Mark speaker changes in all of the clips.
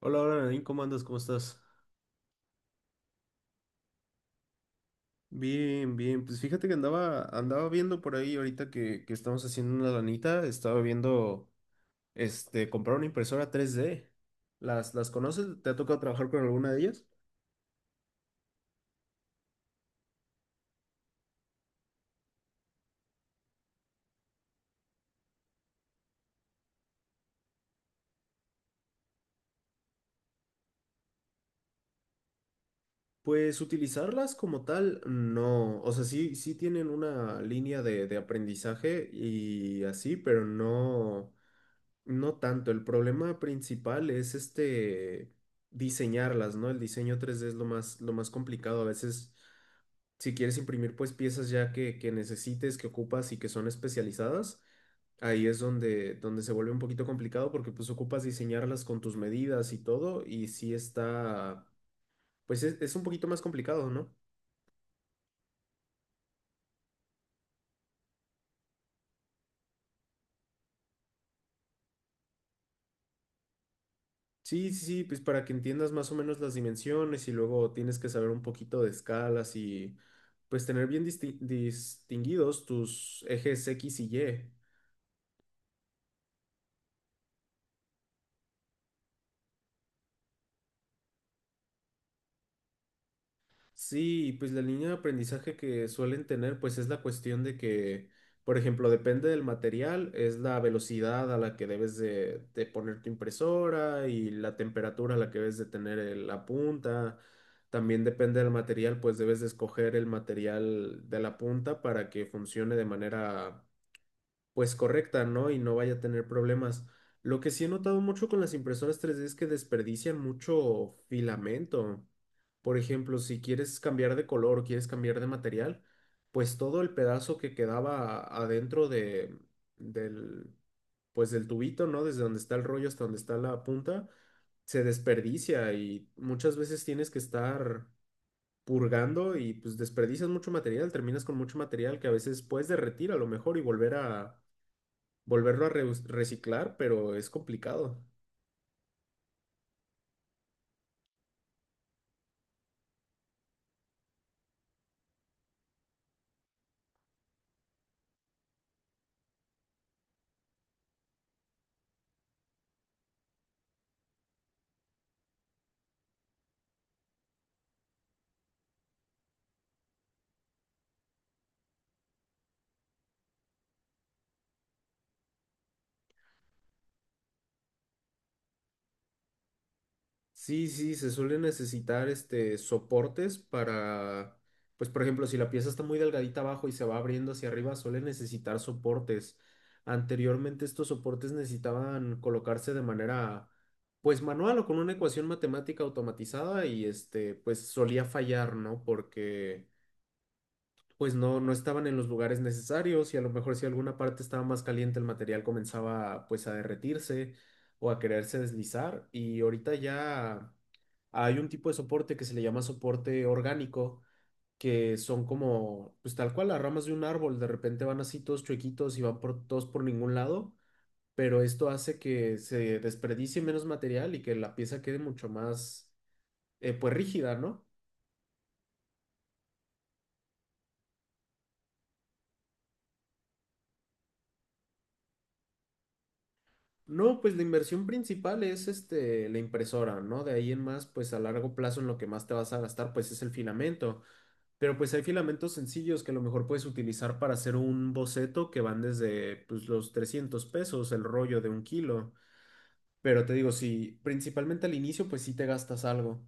Speaker 1: Hola, hola, Nadine, ¿cómo andas? ¿Cómo estás? Bien, bien. Pues fíjate que andaba viendo por ahí ahorita que estamos haciendo una lanita, estaba viendo, comprar una impresora 3D. ¿Las conoces? ¿Te ha tocado trabajar con alguna de ellas? Pues utilizarlas como tal, no. O sea, sí, sí tienen una línea de aprendizaje y así, pero no, no tanto. El problema principal es diseñarlas, ¿no? El diseño 3D es lo más complicado. A veces, si quieres imprimir pues piezas ya que necesites, que ocupas y que son especializadas, ahí es donde se vuelve un poquito complicado porque pues ocupas diseñarlas con tus medidas y todo y sí está, pues es un poquito más complicado, ¿no? Sí, sí, sí, pues para que entiendas más o menos las dimensiones y luego tienes que saber un poquito de escalas y pues tener bien distinguidos tus ejes X y Y. Sí, y pues la línea de aprendizaje que suelen tener, pues es la cuestión de que, por ejemplo, depende del material, es la velocidad a la que debes de poner tu impresora y la temperatura a la que debes de tener la punta. También depende del material, pues debes de escoger el material de la punta para que funcione de manera pues correcta, ¿no? Y no vaya a tener problemas. Lo que sí he notado mucho con las impresoras 3D es que desperdician mucho filamento. Por ejemplo, si quieres cambiar de color, quieres cambiar de material, pues todo el pedazo que quedaba adentro del pues del tubito, ¿no? Desde donde está el rollo hasta donde está la punta, se desperdicia y muchas veces tienes que estar purgando y pues desperdicias mucho material, terminas con mucho material que a veces puedes derretir a lo mejor y volverlo a reciclar, pero es complicado. Sí, sí, se suelen necesitar soportes para, pues por ejemplo, si la pieza está muy delgadita abajo y se va abriendo hacia arriba, suelen necesitar soportes. Anteriormente estos soportes necesitaban colocarse de manera, pues manual o con una ecuación matemática automatizada y pues solía fallar, ¿no? Porque pues no, no estaban en los lugares necesarios y a lo mejor si alguna parte estaba más caliente el material comenzaba pues a derretirse o a quererse deslizar y ahorita ya hay un tipo de soporte que se le llama soporte orgánico, que son como pues tal cual las ramas de un árbol, de repente van así todos chuequitos y van por, todos por ningún lado, pero esto hace que se desperdicie menos material y que la pieza quede mucho más pues rígida, ¿no? No, pues la inversión principal es la impresora, ¿no? De ahí en más, pues a largo plazo en lo que más te vas a gastar, pues es el filamento. Pero pues hay filamentos sencillos que a lo mejor puedes utilizar para hacer un boceto que van desde pues los 300 pesos, el rollo de un kilo. Pero te digo, si principalmente al inicio, pues sí te gastas algo.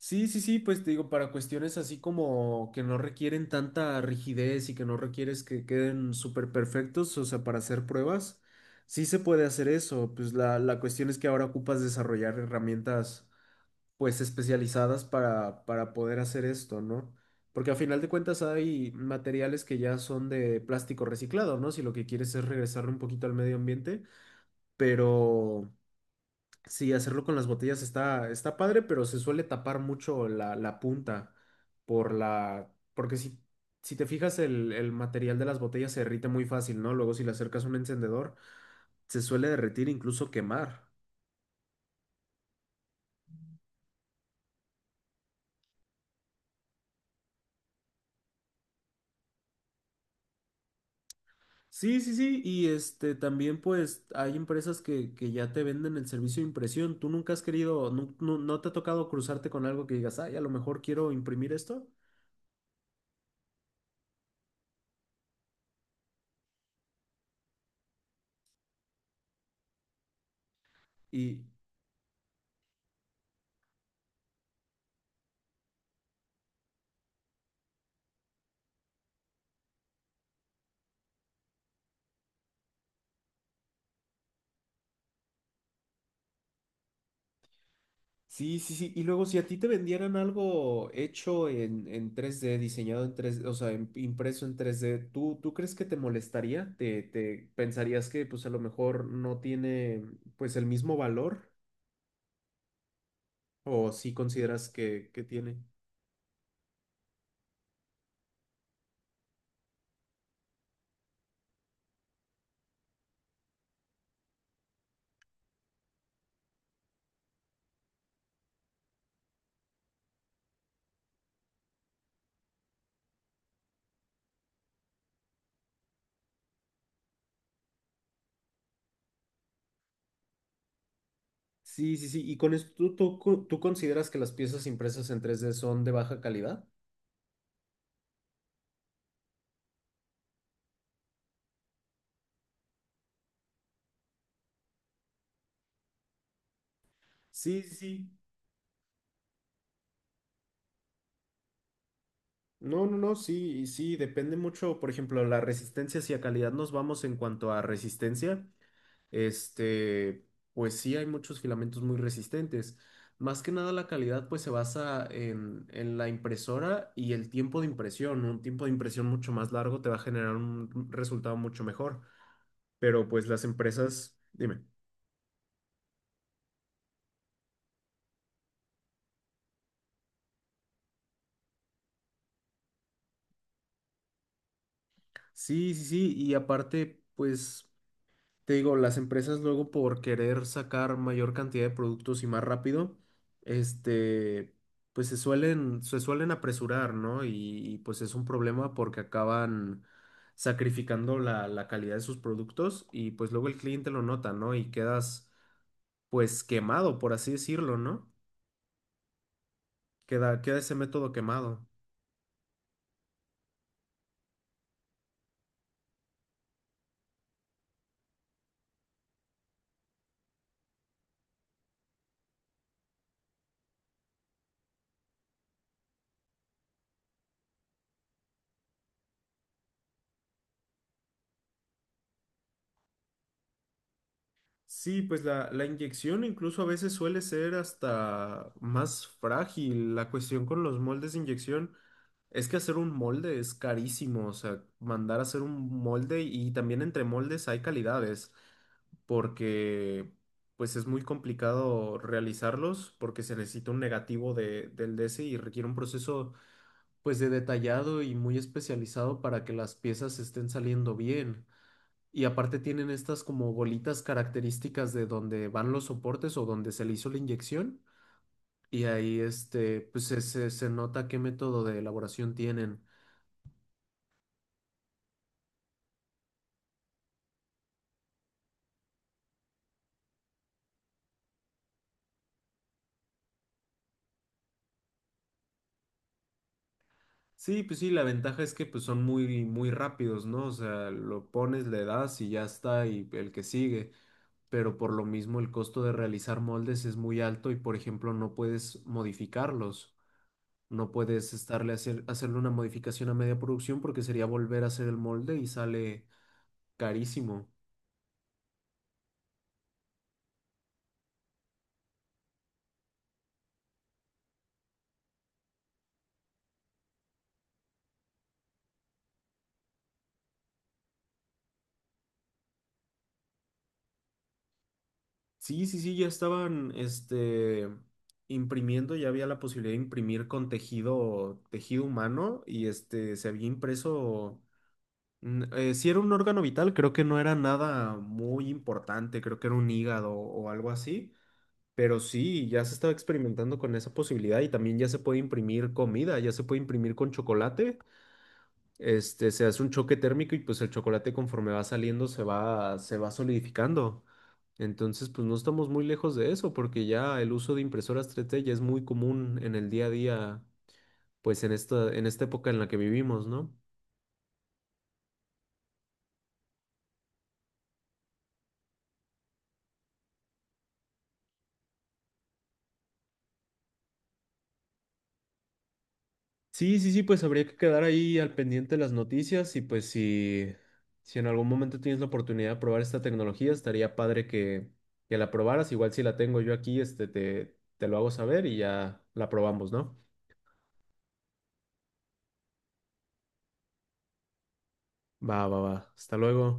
Speaker 1: Sí, sí, sí, pues te digo, para cuestiones así como que no requieren tanta rigidez y que no requieres que queden súper perfectos, o sea, para hacer pruebas, sí se puede hacer eso. Pues la cuestión es que ahora ocupas desarrollar herramientas pues especializadas para poder hacer esto, ¿no? Porque a final de cuentas hay materiales que ya son de plástico reciclado, ¿no? Si lo que quieres es regresarle un poquito al medio ambiente, pero. Sí, hacerlo con las botellas está, está padre, pero se suele tapar mucho la punta porque si te fijas el material de las botellas se derrite muy fácil, ¿no? Luego si le acercas un encendedor, se suele derretir, incluso quemar. Sí, sí, sí, y también pues hay empresas que ya te venden el servicio de impresión. ¿Tú nunca has querido, no, te ha tocado cruzarte con algo que digas, ay, a lo mejor quiero imprimir esto? Sí, sí, sí. Y luego, si a ti te vendieran algo hecho en 3D, diseñado en 3D, o sea, impreso en 3D, ¿tú crees que te molestaría? ¿Te pensarías que pues a lo mejor no tiene pues el mismo valor? ¿O sí consideras que tiene? Sí, sí, sí. ¿Y con esto tú consideras que las piezas impresas en 3D son de baja calidad? Sí, sí, sí. No, no, no, sí, y sí, depende mucho, por ejemplo, la resistencia, si a calidad nos vamos en cuanto a resistencia. Este, pues sí, hay muchos filamentos muy resistentes. Más que nada la calidad pues se basa en la impresora y el tiempo de impresión. Un tiempo de impresión mucho más largo te va a generar un resultado mucho mejor. Pero pues las empresas, dime. Sí, sí, sí. Y aparte, pues. Te digo, las empresas luego por querer sacar mayor cantidad de productos y más rápido, este, pues se suelen apresurar, ¿no? Pues es un problema porque acaban sacrificando la calidad de sus productos y pues luego el cliente lo nota, ¿no? Y quedas pues quemado, por así decirlo, ¿no? Queda ese método quemado. Sí, pues la inyección incluso a veces suele ser hasta más frágil. La cuestión con los moldes de inyección es que hacer un molde es carísimo, o sea, mandar a hacer un molde y también entre moldes hay calidades, porque pues es muy complicado realizarlos porque se necesita un negativo del DC y requiere un proceso pues de detallado y muy especializado para que las piezas estén saliendo bien. Y aparte tienen estas como bolitas características de donde van los soportes o donde se le hizo la inyección. Y ahí pues se nota qué método de elaboración tienen. Sí, pues sí, la ventaja es que pues son muy, muy rápidos, ¿no? O sea, lo pones, le das y ya está, y el que sigue. Pero por lo mismo el costo de realizar moldes es muy alto y por ejemplo no puedes modificarlos. No puedes hacerle una modificación a media producción porque sería volver a hacer el molde y sale carísimo. Sí, sí, sí, ya estaban, imprimiendo, ya había la posibilidad de imprimir con tejido, tejido humano y se había impreso, si era un órgano vital, creo que no era nada muy importante, creo que era un hígado o algo así, pero sí, ya se estaba experimentando con esa posibilidad y también ya se puede imprimir comida, ya se puede imprimir con chocolate. Se hace un choque térmico y pues el chocolate conforme va saliendo se va solidificando. Entonces, pues no estamos muy lejos de eso, porque ya el uso de impresoras 3D ya es muy común en el día a día, pues en esta época en la que vivimos, ¿no? Sí, sí, sí, pues habría que quedar ahí al pendiente de las noticias y pues si en algún momento tienes la oportunidad de probar esta tecnología, estaría padre que la probaras. Igual si la tengo yo aquí, te lo hago saber y ya la probamos, ¿no? Va, va, va. Hasta luego.